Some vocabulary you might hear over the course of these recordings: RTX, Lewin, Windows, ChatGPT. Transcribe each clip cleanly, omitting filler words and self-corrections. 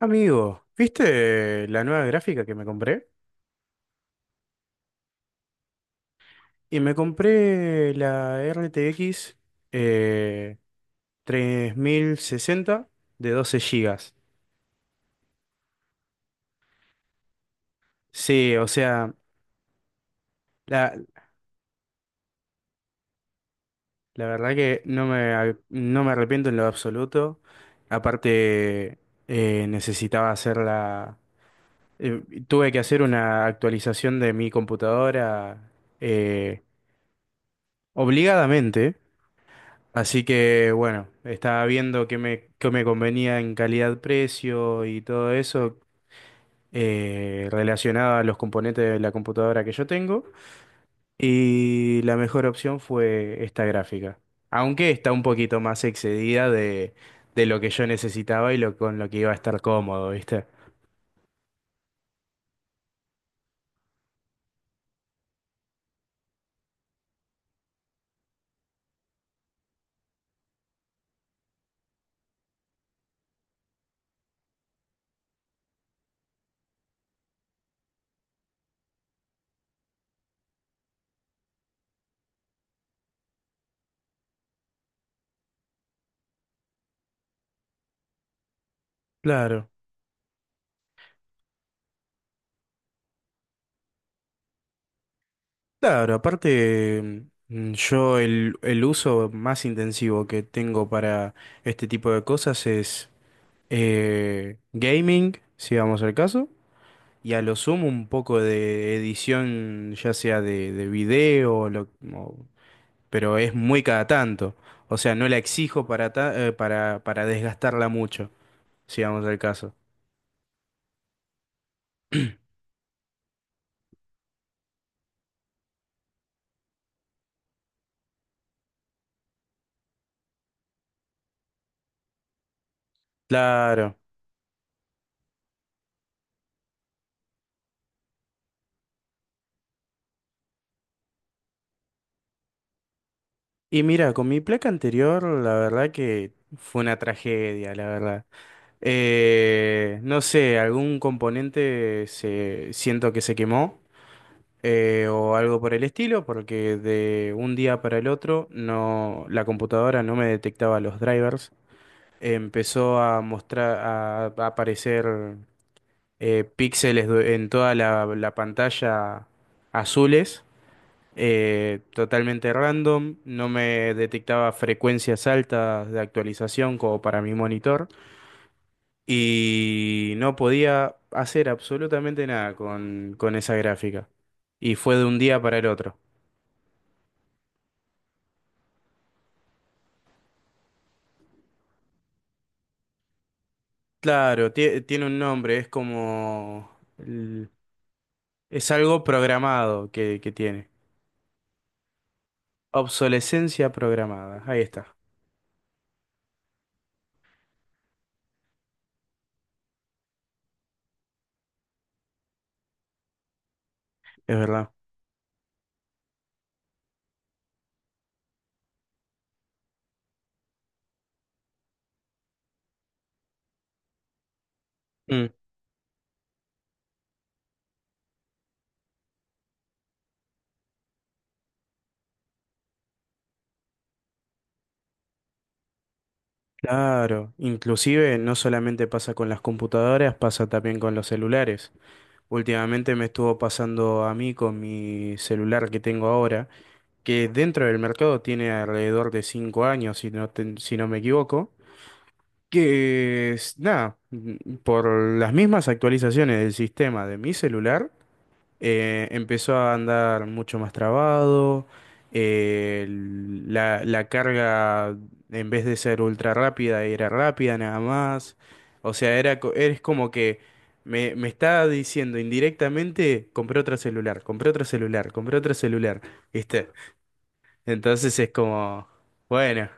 Amigo, ¿viste la nueva gráfica que me compré? Y me compré la RTX eh, 3060 de 12 gigas. Sí, o sea, la, la verdad que no me arrepiento en lo absoluto. Aparte, eh, necesitaba hacer la... eh, tuve que hacer una actualización de mi computadora eh, obligadamente. Así que bueno, estaba viendo qué me convenía en calidad-precio y todo eso relacionado a los componentes de la computadora que yo tengo. Y la mejor opción fue esta gráfica. Aunque está un poquito más excedida de lo que yo necesitaba y con lo que iba a estar cómodo, ¿viste? Claro, claro, aparte yo el uso más intensivo que tengo para este tipo de cosas es gaming, si vamos al caso, y a lo sumo un poco de edición, ya sea de video, pero es muy cada tanto. O sea, no la exijo para desgastarla mucho, si vamos al caso. Claro. Y mira, con mi placa anterior, la verdad que fue una tragedia, la verdad. No sé, algún componente siento que se quemó. O algo por el estilo, porque de un día para el otro no, la computadora no me detectaba los drivers. Empezó a mostrar, a aparecer píxeles en toda la pantalla azules, totalmente random. No me detectaba frecuencias altas de actualización como para mi monitor. Y no podía hacer absolutamente nada con esa gráfica. Y fue de un día para el otro. Claro, tiene un nombre, es como. Es algo programado que tiene. Obsolescencia programada, ahí está, es verdad. Mm. Claro, inclusive no solamente pasa con las computadoras, pasa también con los celulares. Últimamente me estuvo pasando a mí con mi celular que tengo ahora, que dentro del mercado tiene alrededor de 5 años, si no me equivoco, que es, nada, por las mismas actualizaciones del sistema de mi celular, empezó a andar mucho más trabado, la carga en vez de ser ultra rápida era rápida nada más, o sea, es como que me está diciendo indirectamente: compré otro celular, compré otro celular, compré otro celular, ¿viste? Entonces es como, bueno.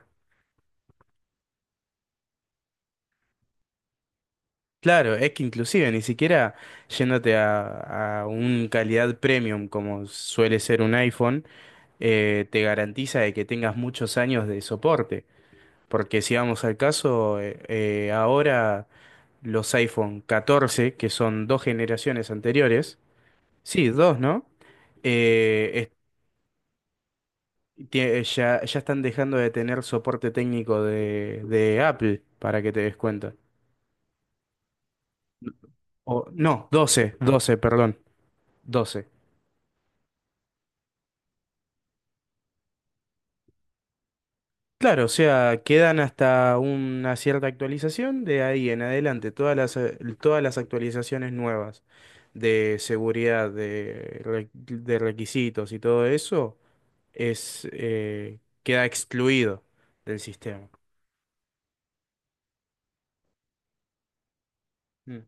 Claro, es que inclusive ni siquiera yéndote a un calidad premium como suele ser un iPhone, te garantiza de que tengas muchos años de soporte. Porque si vamos al caso, ahora los iPhone 14 que son dos generaciones anteriores, sí, dos, ¿no? Eh, es- ya están dejando de tener soporte técnico de Apple, para que te des cuenta. O, no, 12 12 perdón, doce. Claro, o sea, quedan hasta una cierta actualización, de ahí en adelante todas las actualizaciones nuevas de seguridad, de requisitos y todo eso queda excluido del sistema. Mm.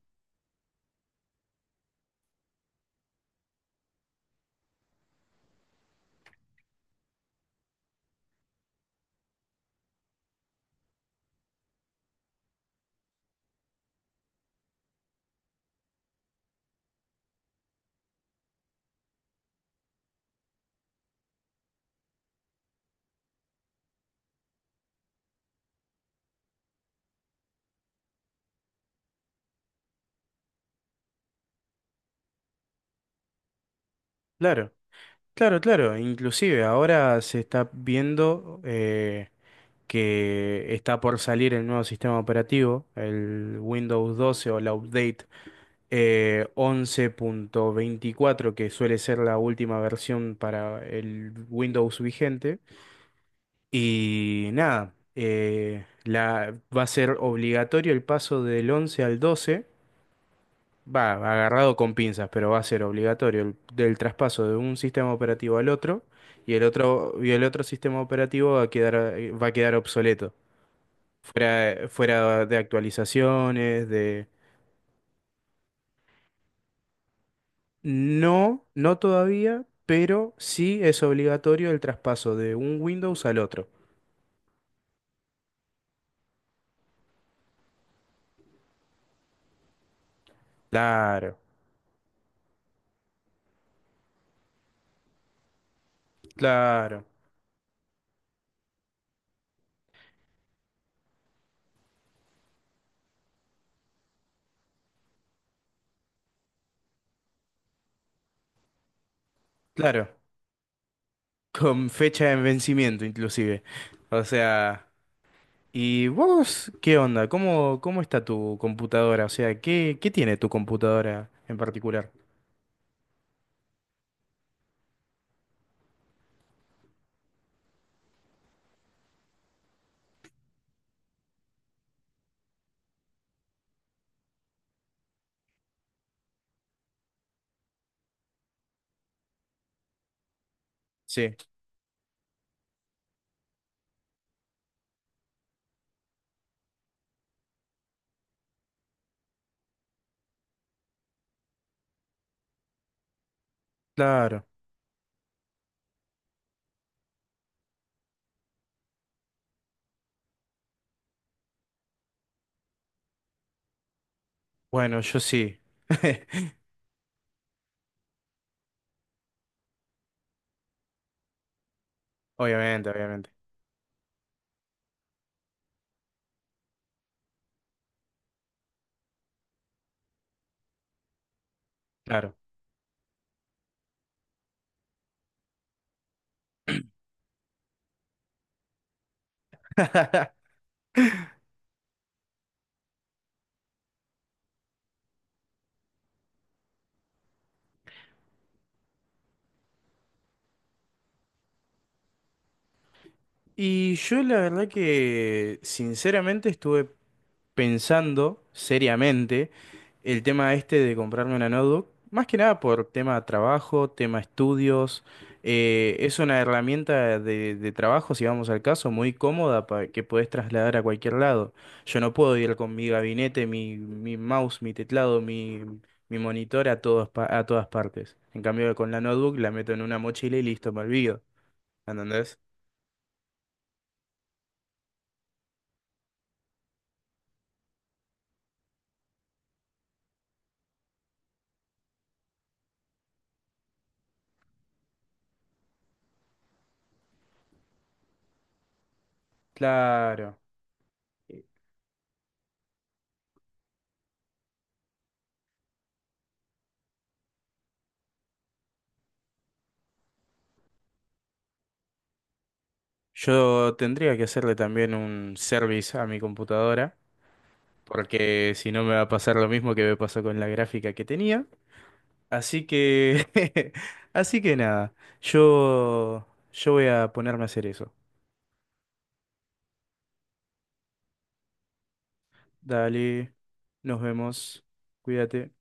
Claro, claro, claro. Inclusive ahora se está viendo que está por salir el nuevo sistema operativo, el Windows 12 o la update 11.24, que suele ser la última versión para el Windows vigente. Y nada, va a ser obligatorio el paso del 11 al 12. Agarrado con pinzas, pero va a ser obligatorio del traspaso de un sistema operativo al otro y el otro sistema operativo va a quedar, obsoleto. Fuera, fuera de actualizaciones, de. No, no todavía, pero sí es obligatorio el traspaso de un Windows al otro. Claro, claro, claro. Con fecha de vencimiento inclusive. O sea, ¿y vos qué onda? ¿Cómo está tu computadora? O sea, ¿qué tiene tu computadora en particular? Sí, claro. Bueno, yo sí. Obviamente, obviamente. Claro. Y yo la verdad que sinceramente estuve pensando seriamente el tema este de comprarme una notebook, más que nada por tema trabajo, tema estudios. Es una herramienta de trabajo, si vamos al caso, muy cómoda para que podés trasladar a cualquier lado. Yo no puedo ir con mi gabinete, mi mouse, mi teclado, mi monitor a a todas partes. En cambio, con la notebook la meto en una mochila y listo, me olvido. ¿Entendés? Claro. Yo tendría que hacerle también un service a mi computadora, porque si no me va a pasar lo mismo que me pasó con la gráfica que tenía. Así que, así que nada, yo voy a ponerme a hacer eso. Dale, nos vemos, cuídate.